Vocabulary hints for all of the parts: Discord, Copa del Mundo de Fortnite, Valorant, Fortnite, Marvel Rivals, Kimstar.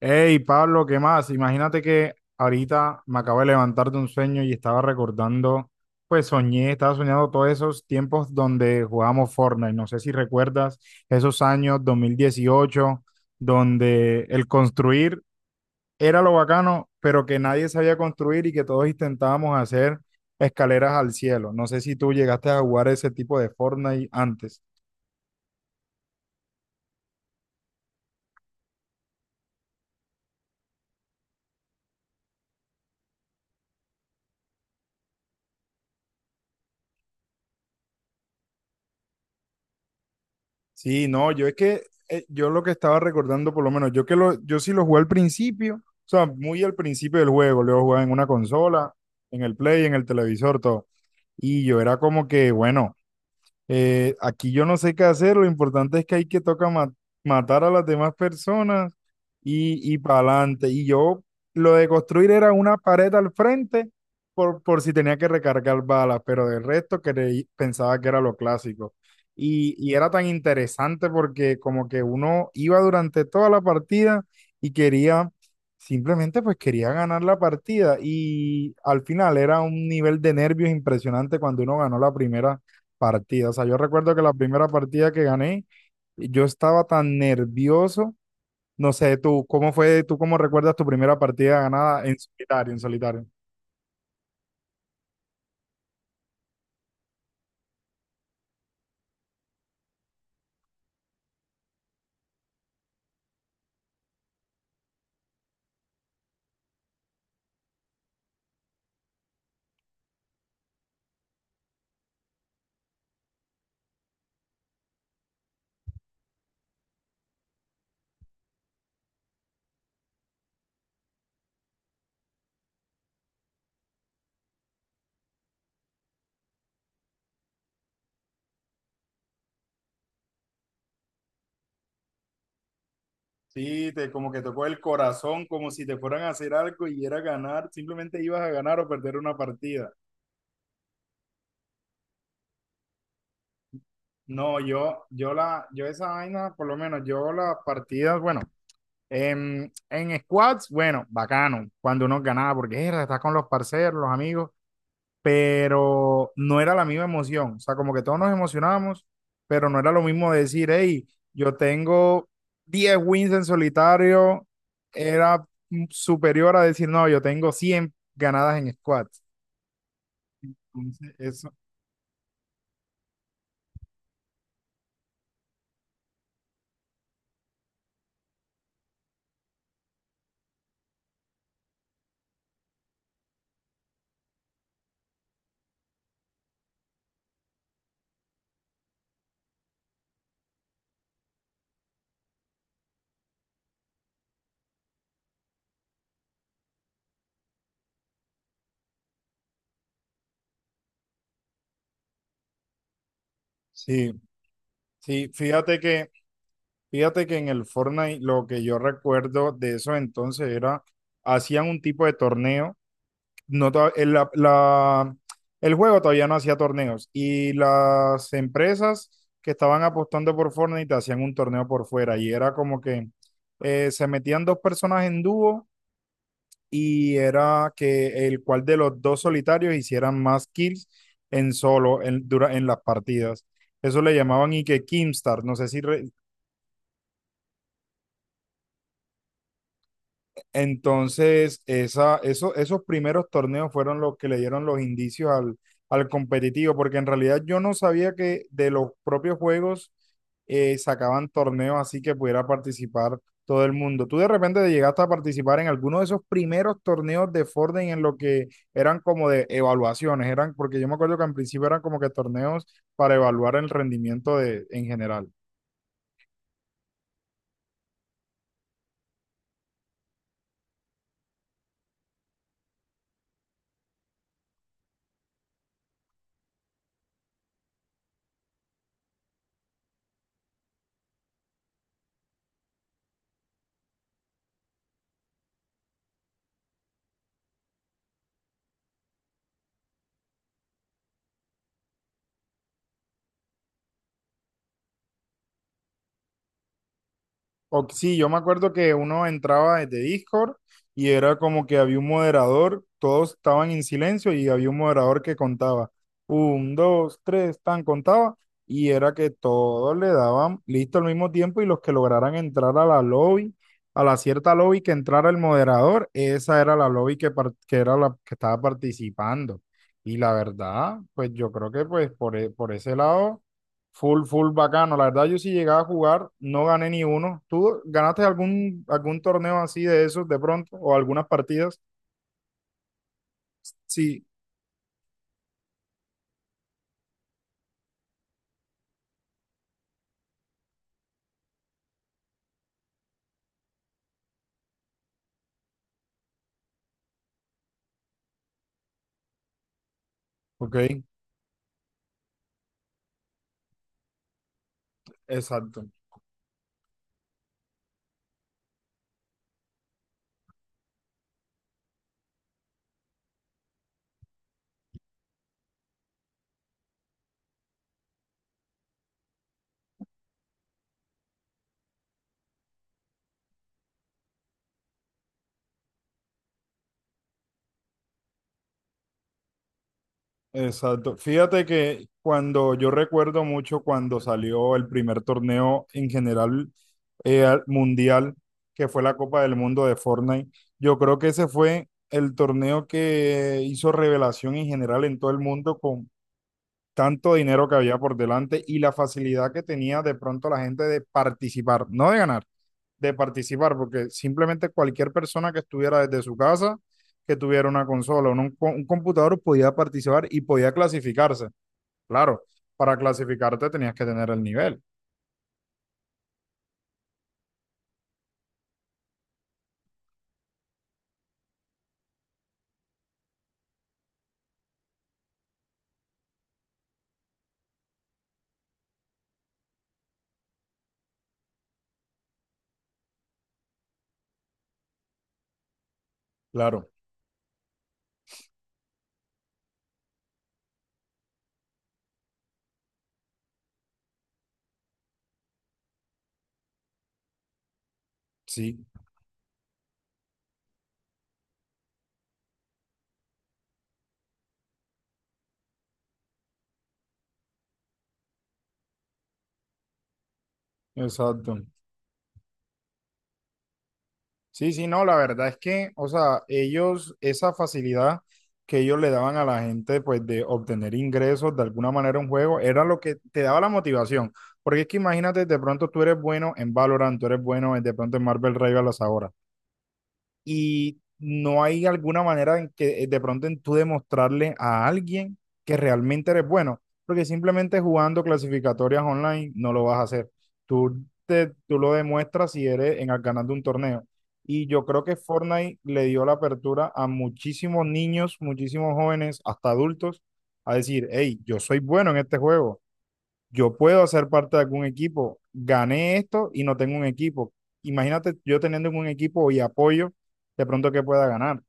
Hey, Pablo, ¿qué más? Imagínate que ahorita me acabo de levantar de un sueño y estaba recordando, estaba soñando todos esos tiempos donde jugábamos Fortnite. ¿No sé si recuerdas esos años 2018, donde el construir era lo bacano, pero que nadie sabía construir y que todos intentábamos hacer escaleras al cielo? No sé si tú llegaste a jugar ese tipo de Fortnite antes. Sí, no, yo lo que estaba recordando, por lo menos, yo sí lo jugué al principio, o sea, muy al principio del juego, lo jugaba en una consola, en el Play, en el televisor, todo. Y yo era como que, bueno. Aquí yo no sé qué hacer, lo importante es que hay que matar a las demás personas, y para adelante. Y yo lo de construir era una pared al frente por si tenía que recargar balas, pero del resto pensaba que era lo clásico. Y era tan interesante porque como que uno iba durante toda la partida y quería, simplemente pues quería ganar la partida y al final era un nivel de nervios impresionante cuando uno ganó la primera partidas. O sea, yo recuerdo que la primera partida que gané, yo estaba tan nervioso. No sé, tú, ¿cómo fue? ¿Tú cómo recuerdas tu primera partida ganada en solitario, en solitario? Sí, como que tocó el corazón, como si te fueran a hacer algo y era ganar, simplemente ibas a ganar o perder una partida. No, yo esa vaina, por lo menos yo las partidas, bueno, en squads, bueno, bacano, cuando uno ganaba, porque era, estás con los parceros, los amigos, pero no era la misma emoción. O sea, como que todos nos emocionábamos, pero no era lo mismo decir, hey, yo tengo 10 wins en solitario, era superior a decir, no, yo tengo 100 ganadas en squad. Entonces, eso, sí, sí, fíjate que en el Fortnite lo que yo recuerdo de eso entonces era, hacían un tipo de torneo no, el juego todavía no hacía torneos y las empresas que estaban apostando por Fortnite hacían un torneo por fuera y era como que se metían dos personas en dúo y era que el cual de los dos solitarios hicieran más kills en solo en las partidas. Eso le llamaban y que Kimstar, no sé si re- Entonces, esos primeros torneos fueron los que le dieron los indicios al, al competitivo, porque en realidad yo no sabía que de los propios juegos sacaban torneos así que pudiera participar todo el mundo. ¿Tú de repente llegaste a participar en alguno de esos primeros torneos de Fortnite en lo que eran como de evaluaciones, eran porque yo me acuerdo que en principio eran como que torneos para evaluar el rendimiento de, en general? Sí, yo me acuerdo que uno entraba desde Discord y era como que había un moderador, todos estaban en silencio y había un moderador que contaba. Un, dos, tres, tan contaba. Y era que todos le daban listo al mismo tiempo y los que lograran entrar a la lobby, a la cierta lobby que entrara el moderador, esa era la lobby que, que era la que estaba participando. Y la verdad, pues yo creo que pues por ese lado. Full, full bacano. La verdad, yo sí llegaba a jugar, no gané ni uno. ¿Tú ganaste algún, algún torneo así de esos de pronto o algunas partidas? Sí, Ok, exacto, exacto. Fíjate que cuando yo recuerdo mucho cuando salió el primer torneo en general mundial, que fue la Copa del Mundo de Fortnite, yo creo que ese fue el torneo que hizo revelación en general en todo el mundo con tanto dinero que había por delante y la facilidad que tenía de pronto la gente de participar, no de ganar, de participar, porque simplemente cualquier persona que estuviera desde su casa, que tuviera una consola o un computador, podía participar y podía clasificarse. Claro, para clasificarte tenías que tener el nivel, claro, sí, exacto. Sí, sí, no, la verdad es que, o sea, ellos, esa facilidad que ellos le daban a la gente, pues, de obtener ingresos de alguna manera un juego, era lo que te daba la motivación. Porque es que imagínate, de pronto tú eres bueno en Valorant, tú eres bueno en- de pronto en Marvel Rivals ahora y no hay alguna manera en que de pronto en tú demostrarle a alguien que realmente eres bueno, porque simplemente jugando clasificatorias online no lo vas a hacer. Tú lo demuestras si eres en al ganando un torneo. Y yo creo que Fortnite le dio la apertura a muchísimos niños, muchísimos jóvenes, hasta adultos, a decir, hey, yo soy bueno en este juego, yo puedo hacer parte de algún equipo, gané esto y no tengo un equipo. Imagínate yo teniendo un equipo y apoyo, de pronto que pueda ganar.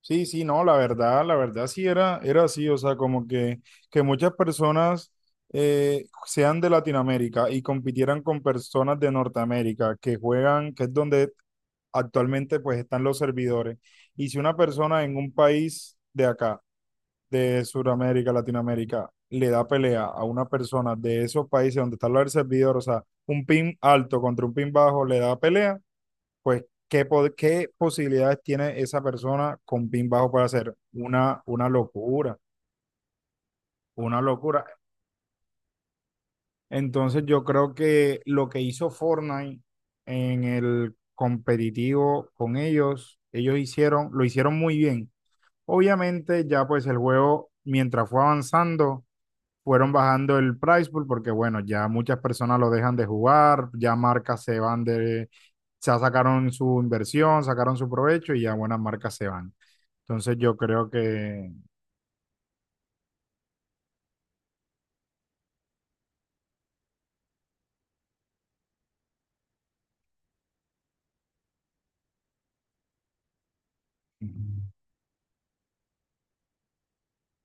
Sí, sí, no, la verdad sí era, era así, o sea, como que muchas personas sean de Latinoamérica y compitieran con personas de Norteamérica que juegan, que es donde actualmente pues están los servidores. Y si una persona en un país de acá de Sudamérica, Latinoamérica, le da pelea a una persona de esos países donde está el servidor, o sea, un pin alto contra un pin bajo le da pelea, pues ¿qué, qué posibilidades tiene esa persona con pin bajo para hacer? Una locura, una locura. Entonces yo creo que lo que hizo Fortnite en el competitivo con ellos, ellos hicieron, lo hicieron muy bien. Obviamente ya pues el juego mientras fue avanzando, fueron bajando el price pool porque, bueno, ya muchas personas lo dejan de jugar, ya marcas se van de, ya sacaron su inversión, sacaron su provecho y ya buenas marcas se van. Entonces yo creo que...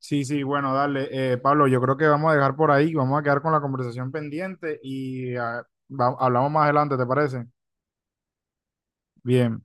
Sí, sí, bueno, dale. Pablo, yo creo que vamos a dejar por ahí, vamos a quedar con la conversación pendiente y hablamos más adelante, ¿te parece? Bien.